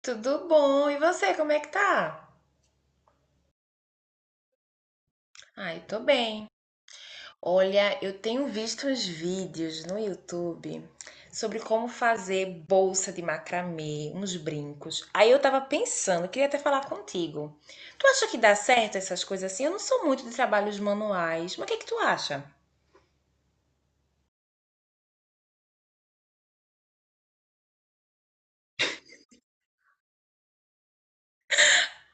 Tudo bom? E você, como é que tá? Ai, tô bem. Olha, eu tenho visto uns vídeos no YouTube sobre como fazer bolsa de macramê, uns brincos. Aí eu tava pensando, queria até falar contigo. Tu acha que dá certo essas coisas assim? Eu não sou muito de trabalhos manuais, mas o que é que tu acha?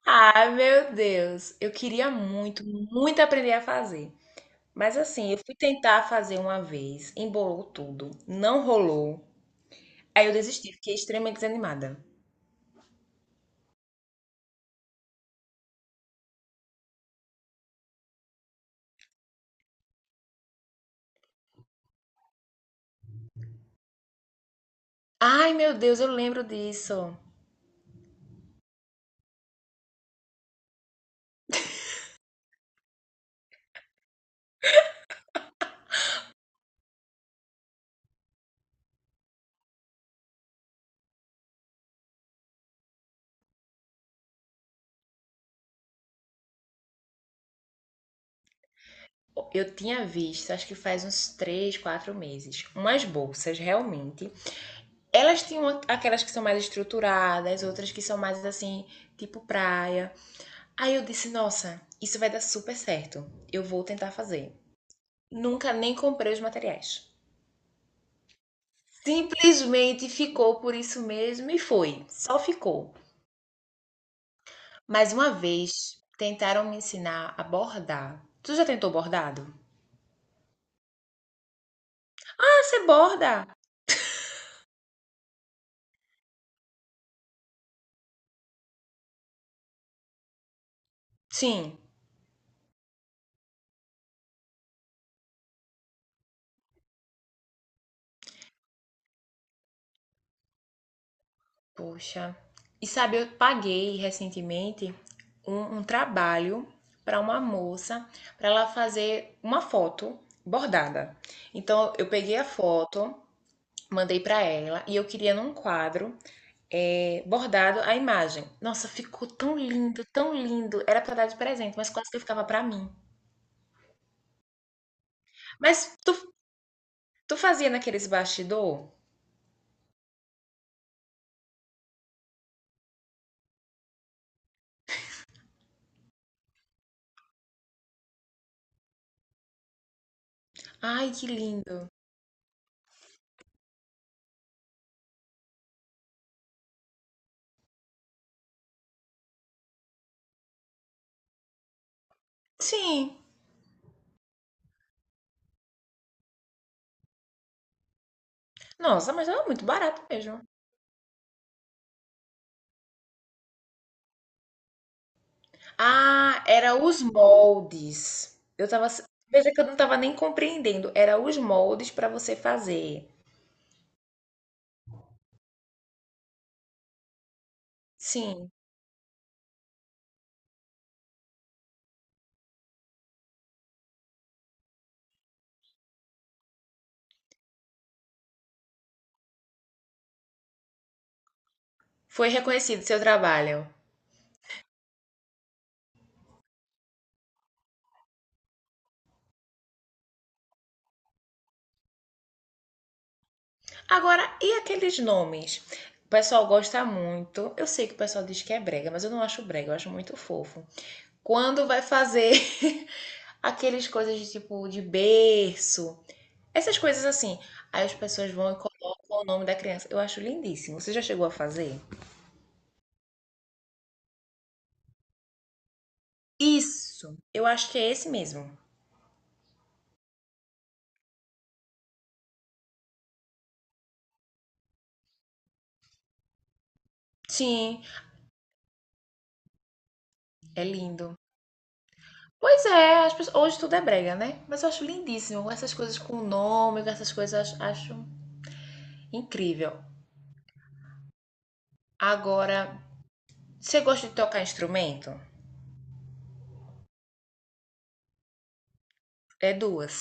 Ai, meu Deus, eu queria muito, muito aprender a fazer. Mas assim, eu fui tentar fazer uma vez, embolou tudo, não rolou. Aí eu desisti, fiquei extremamente desanimada. Ai, meu Deus, eu lembro disso. Eu tinha visto, acho que faz uns 3, 4 meses, umas bolsas realmente. Elas tinham aquelas que são mais estruturadas, outras que são mais assim, tipo praia. Aí eu disse, nossa, isso vai dar super certo. Eu vou tentar fazer. Nunca nem comprei os materiais. Simplesmente ficou por isso mesmo e foi. Só ficou. Mais uma vez tentaram me ensinar a bordar. Tu já tentou bordado? Você borda? Sim. Poxa. E sabe, eu paguei recentemente um trabalho para uma moça, para ela fazer uma foto bordada. Então, eu peguei a foto, mandei para ela e eu queria num quadro bordado a imagem. Nossa, ficou tão lindo, tão lindo. Era para dar de presente, mas quase que ficava para mim. Mas tu fazia naqueles bastidor? Ai, que lindo. Sim. Nossa, mas era muito barato mesmo. Ah, era os moldes. Eu tava. Veja que eu não tava nem compreendendo. Era os moldes para você fazer. Sim, foi reconhecido seu trabalho. Agora, e aqueles nomes? O pessoal gosta muito. Eu sei que o pessoal diz que é brega, mas eu não acho brega, eu acho muito fofo. Quando vai fazer aqueles coisas de tipo de berço, essas coisas assim. Aí as pessoas vão e colocam o nome da criança. Eu acho lindíssimo. Você já chegou a fazer? Isso, eu acho que é esse mesmo. Sim, é lindo. Pois é, hoje tudo é brega, né? Mas eu acho lindíssimo. Essas coisas com nome, com essas coisas, eu acho incrível. Agora, você gosta de tocar instrumento? É duas.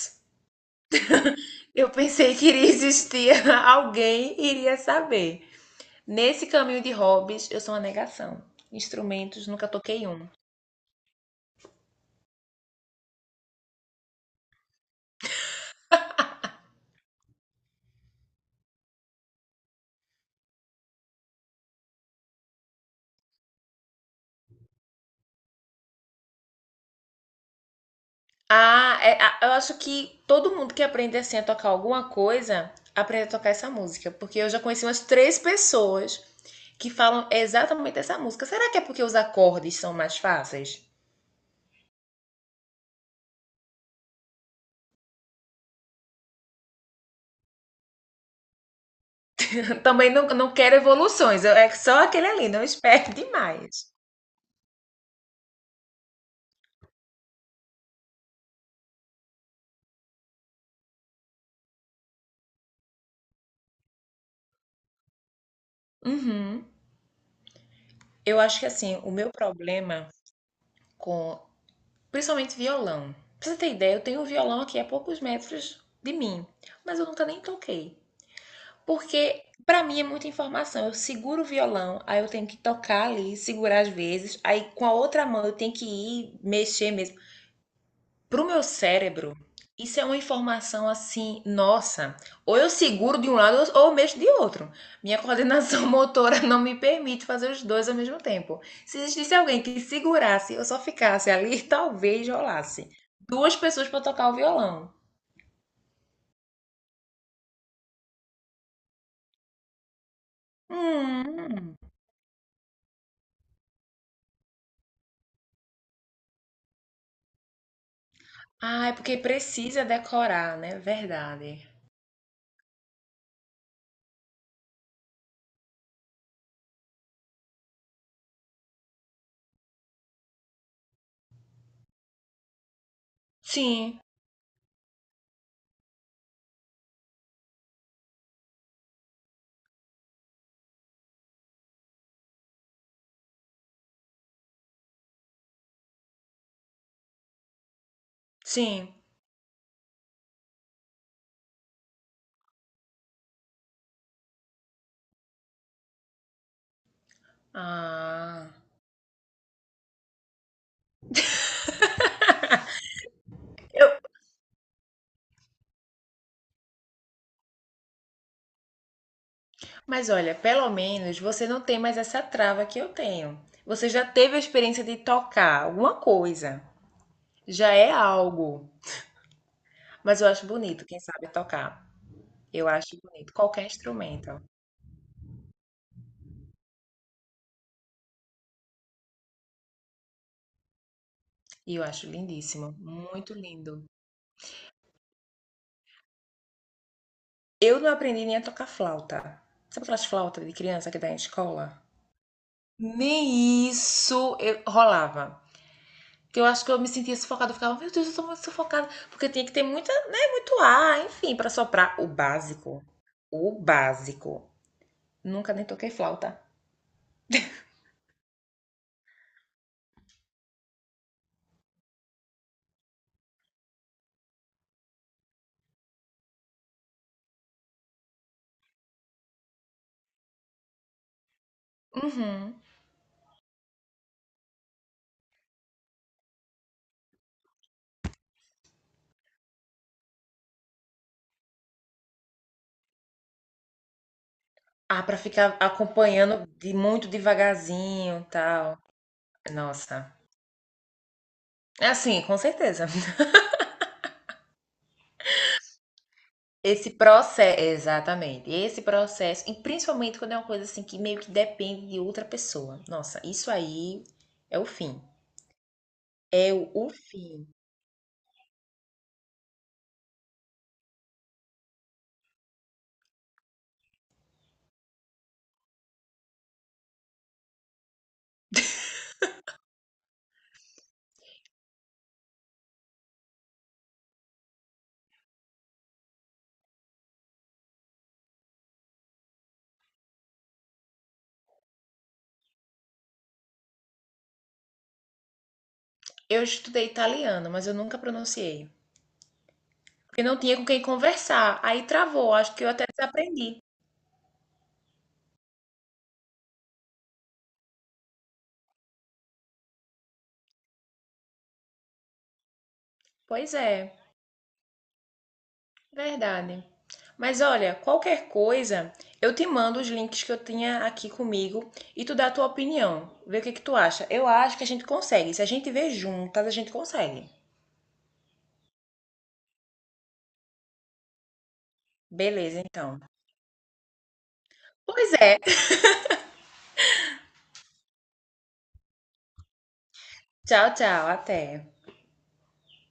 Eu pensei que iria existir alguém iria saber. Nesse caminho de hobbies, eu sou uma negação. Instrumentos, nunca toquei um. Ah, é, eu acho que todo mundo que aprende assim a tocar alguma coisa, aprende a tocar essa música, porque eu já conheci umas três pessoas que falam exatamente essa música. Será que é porque os acordes são mais fáceis? Também não, não quero evoluções, é só aquele ali, não espere demais. Uhum. Eu acho que assim, o meu problema com, principalmente violão. Pra você ter ideia, eu tenho um violão aqui a poucos metros de mim, mas eu nunca nem toquei. Porque pra mim é muita informação. Eu seguro o violão, aí eu tenho que tocar ali, segurar às vezes, aí com a outra mão eu tenho que ir mexer mesmo. Pro meu cérebro, isso é uma informação assim, nossa. Ou eu seguro de um lado ou eu mexo de outro. Minha coordenação motora não me permite fazer os dois ao mesmo tempo. Se existisse alguém que segurasse, eu só ficasse ali, talvez rolasse. Duas pessoas pra tocar o violão. Hum. Hum. Ah, é porque precisa decorar, né? Verdade. Sim, sim. Ah. Eu mas olha, pelo menos você não tem mais essa trava que eu tenho. Você já teve a experiência de tocar alguma coisa. Já é algo. Mas eu acho bonito quem sabe tocar. Eu acho bonito qualquer instrumento. E eu acho lindíssimo, muito lindo. Eu não aprendi nem a tocar flauta. Sabe aquelas flautas de criança que dá em escola? Nem isso eu rolava. Que eu acho que eu me sentia sufocada. Eu ficava, meu Deus, eu tô muito sufocada. Porque tinha que ter muita, né, muito ar, enfim, pra soprar. O básico. O básico. Nunca nem toquei flauta. Uhum. Ah, pra ficar acompanhando de muito devagarzinho, tal. Nossa. É assim, com certeza. Esse processo, exatamente. Esse processo, e principalmente quando é uma coisa assim que meio que depende de outra pessoa. Nossa, isso aí é o fim. É o fim. Eu estudei italiano, mas eu nunca pronunciei. Porque não tinha com quem conversar. Aí travou, acho que eu até desaprendi. Pois é, verdade. Mas olha, qualquer coisa, eu te mando os links que eu tinha aqui comigo e tu dá a tua opinião. Vê o que que tu acha. Eu acho que a gente consegue. Se a gente vê juntas, a gente consegue. Beleza, então. Pois é. Tchau, tchau. Até.